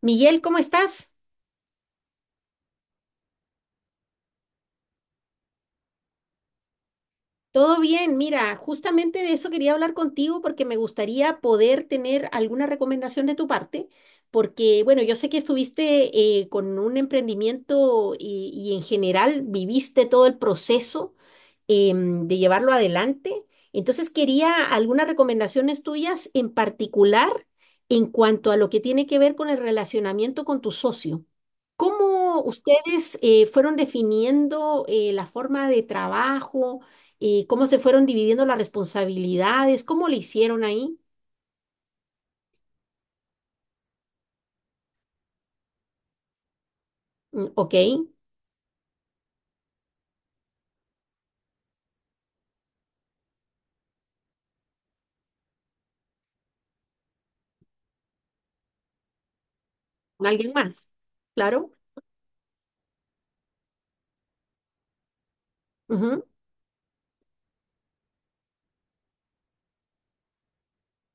Miguel, ¿cómo estás? Todo bien, mira, justamente de eso quería hablar contigo porque me gustaría poder tener alguna recomendación de tu parte, porque bueno, yo sé que estuviste con un emprendimiento y en general viviste todo el proceso de llevarlo adelante, entonces quería algunas recomendaciones tuyas en particular en cuanto a lo que tiene que ver con el relacionamiento con tu socio. ¿Cómo ustedes fueron definiendo la forma de trabajo? Cómo se fueron dividiendo las responsabilidades, cómo le hicieron ahí. Mm, ok. Con alguien más, claro. Ujú.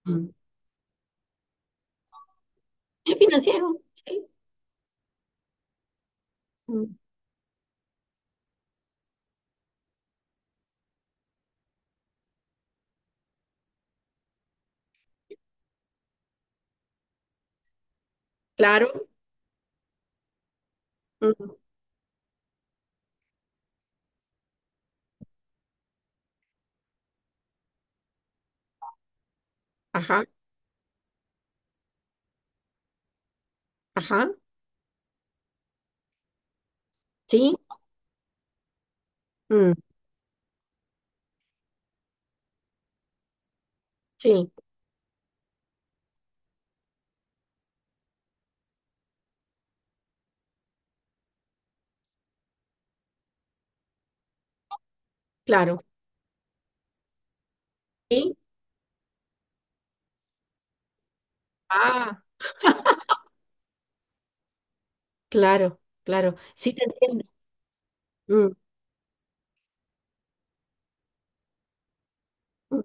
Mm. El financiero, sí. Mm, claro, mm, ajá, ajá, sí, mm, sí, claro, sí, ah, claro, claro, sí te entiendo. Mm, mm,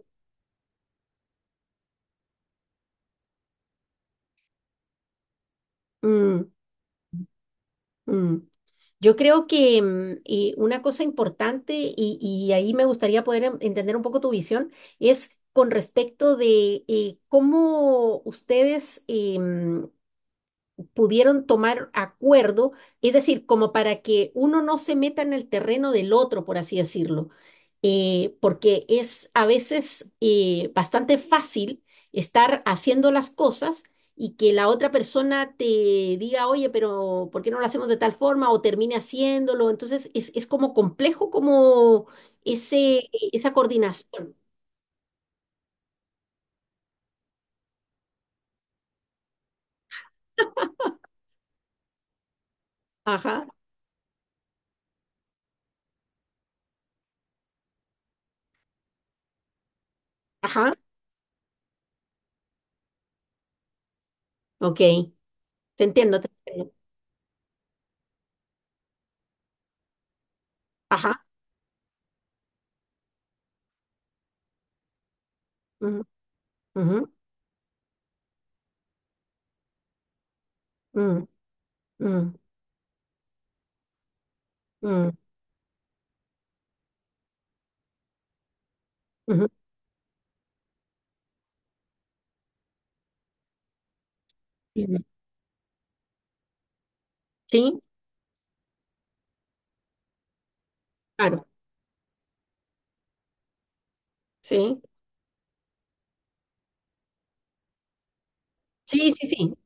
mm, mm. Yo creo que una cosa importante, y ahí me gustaría poder entender un poco tu visión, es con respecto de cómo ustedes pudieron tomar acuerdo, es decir, como para que uno no se meta en el terreno del otro, por así decirlo, porque es a veces bastante fácil estar haciendo las cosas y que la otra persona te diga, oye, pero ¿por qué no lo hacemos de tal forma? O termine haciéndolo. Entonces, es como complejo como esa coordinación. Ajá, ajá, ok, te entiendo. Ajá. Ujú, ujú, mm, mm, mm. Ujú, ujú. Sí, claro, sí, sí, sí,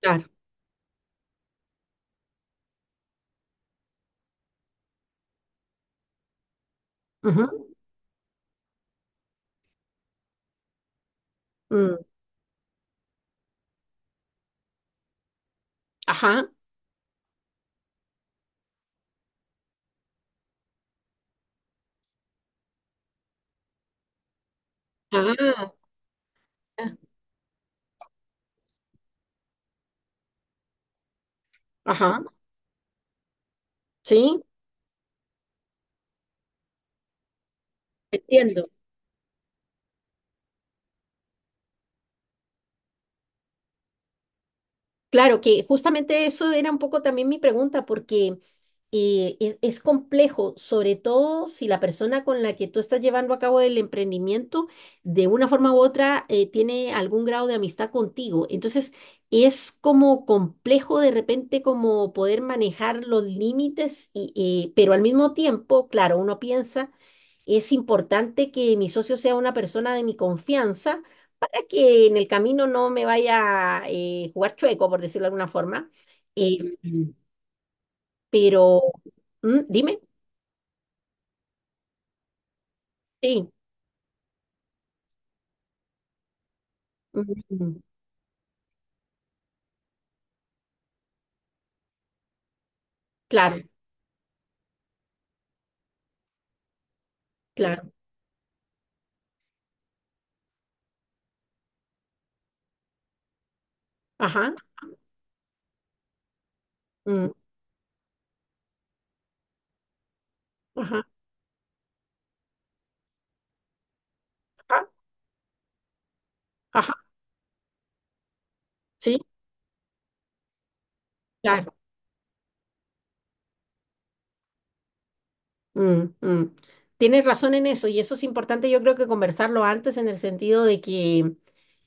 claro. Ujú, mm, ajá, ah, ya, ajá, sí, entiendo. Claro que justamente eso era un poco también mi pregunta, porque es complejo, sobre todo si la persona con la que tú estás llevando a cabo el emprendimiento, de una forma u otra, tiene algún grado de amistad contigo. Entonces, es como complejo de repente como poder manejar los límites, pero al mismo tiempo, claro, uno piensa, es importante que mi socio sea una persona de mi confianza para que en el camino no me vaya a jugar chueco, por decirlo de alguna forma. Eh, pero, mm, dime. Sí, mm, claro, claro, ajá, mm, ajá, ajá, ajá, sí, claro. Mm, mm. Tienes razón en eso y eso es importante, yo creo que conversarlo antes en el sentido de que,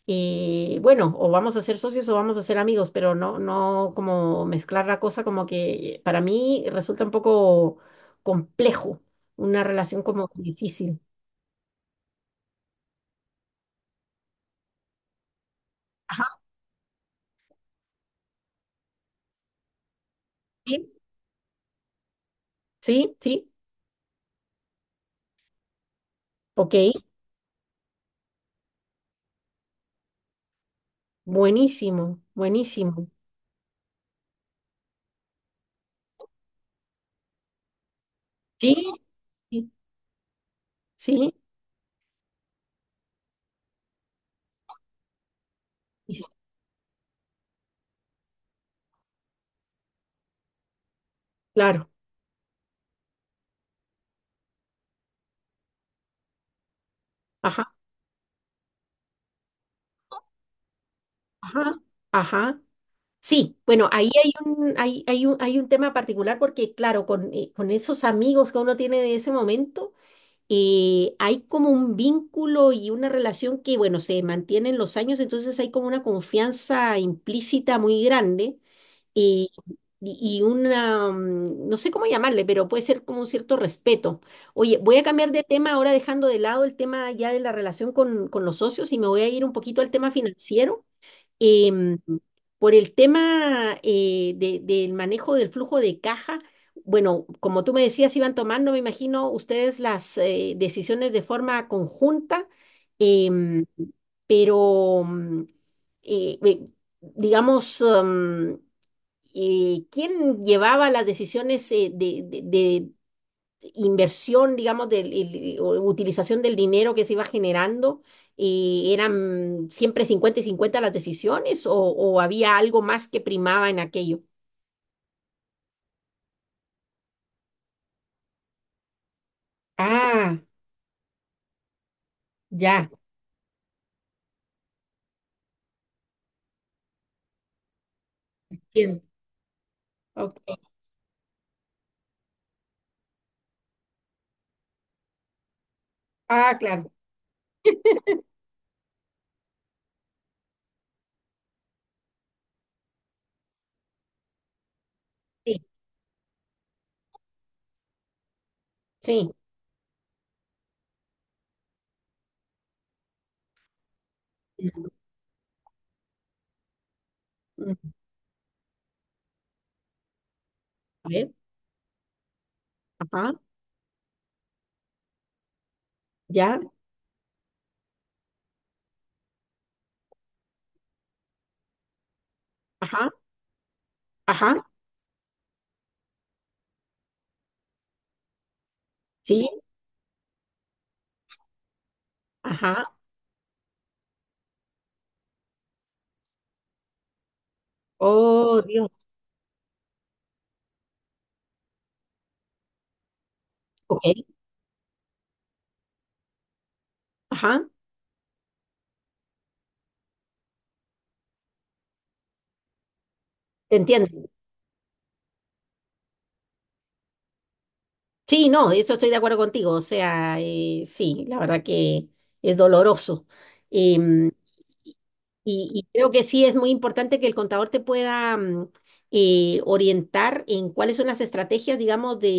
bueno, o vamos a ser socios o vamos a ser amigos, pero no como mezclar la cosa como que para mí resulta un poco complejo, una relación como difícil. Ajá, sí, sí, ok, buenísimo. Sí, sí, sí, y s- claro, ajá, ajá, ajá. Sí, bueno, ahí hay un tema particular porque, claro, con esos amigos que uno tiene de ese momento, hay como un vínculo y una relación que, bueno, se mantiene en los años, entonces hay como una confianza implícita muy grande eh, y una, mm, no sé cómo llamarle, pero puede ser como un cierto respeto. Oye, voy a cambiar de tema ahora dejando de lado el tema ya de la relación con los socios y me voy a ir un poquito al tema financiero. Em, por el tema del manejo del flujo de caja, bueno, como tú me decías, iban tomando, me imagino, ustedes las decisiones de forma conjunta, em, pero, eh, eh, digamos, ¿quién llevaba las decisiones de inversión, digamos, o utilización del dinero que se iba generando, y eran siempre 50 y 50 las decisiones o había algo más que primaba en aquello? Ah, ya, entiendo. Ok. Ah, claro. Sí, sí. Mm, a ver, ajá, ya, ajá, ajá, sí, ajá. Oh, Dios. Ok, ajá, te entiendo. Sí, no, eso estoy de acuerdo contigo. O sea, sí, la verdad que es doloroso. Y creo que sí es muy importante que el contador te pueda orientar en cuáles son las estrategias, digamos, de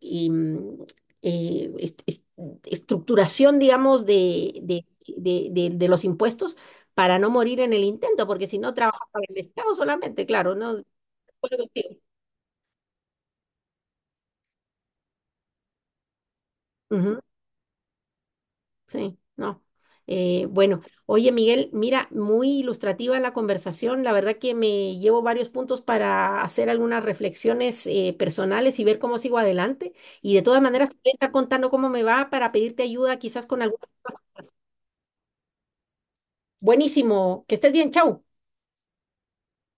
y, mm, eh, est- est- estructuración, digamos, de los impuestos para no morir en el intento, porque si no trabajas para el Estado solamente, claro, no. De acuerdo contigo. Sí, no. Bueno, oye Miguel, mira, muy ilustrativa la conversación. La verdad que me llevo varios puntos para hacer algunas reflexiones personales y ver cómo sigo adelante. Y de todas maneras, te voy a estar contando cómo me va para pedirte ayuda quizás con algunas cosas. Buenísimo, que estés bien, chau.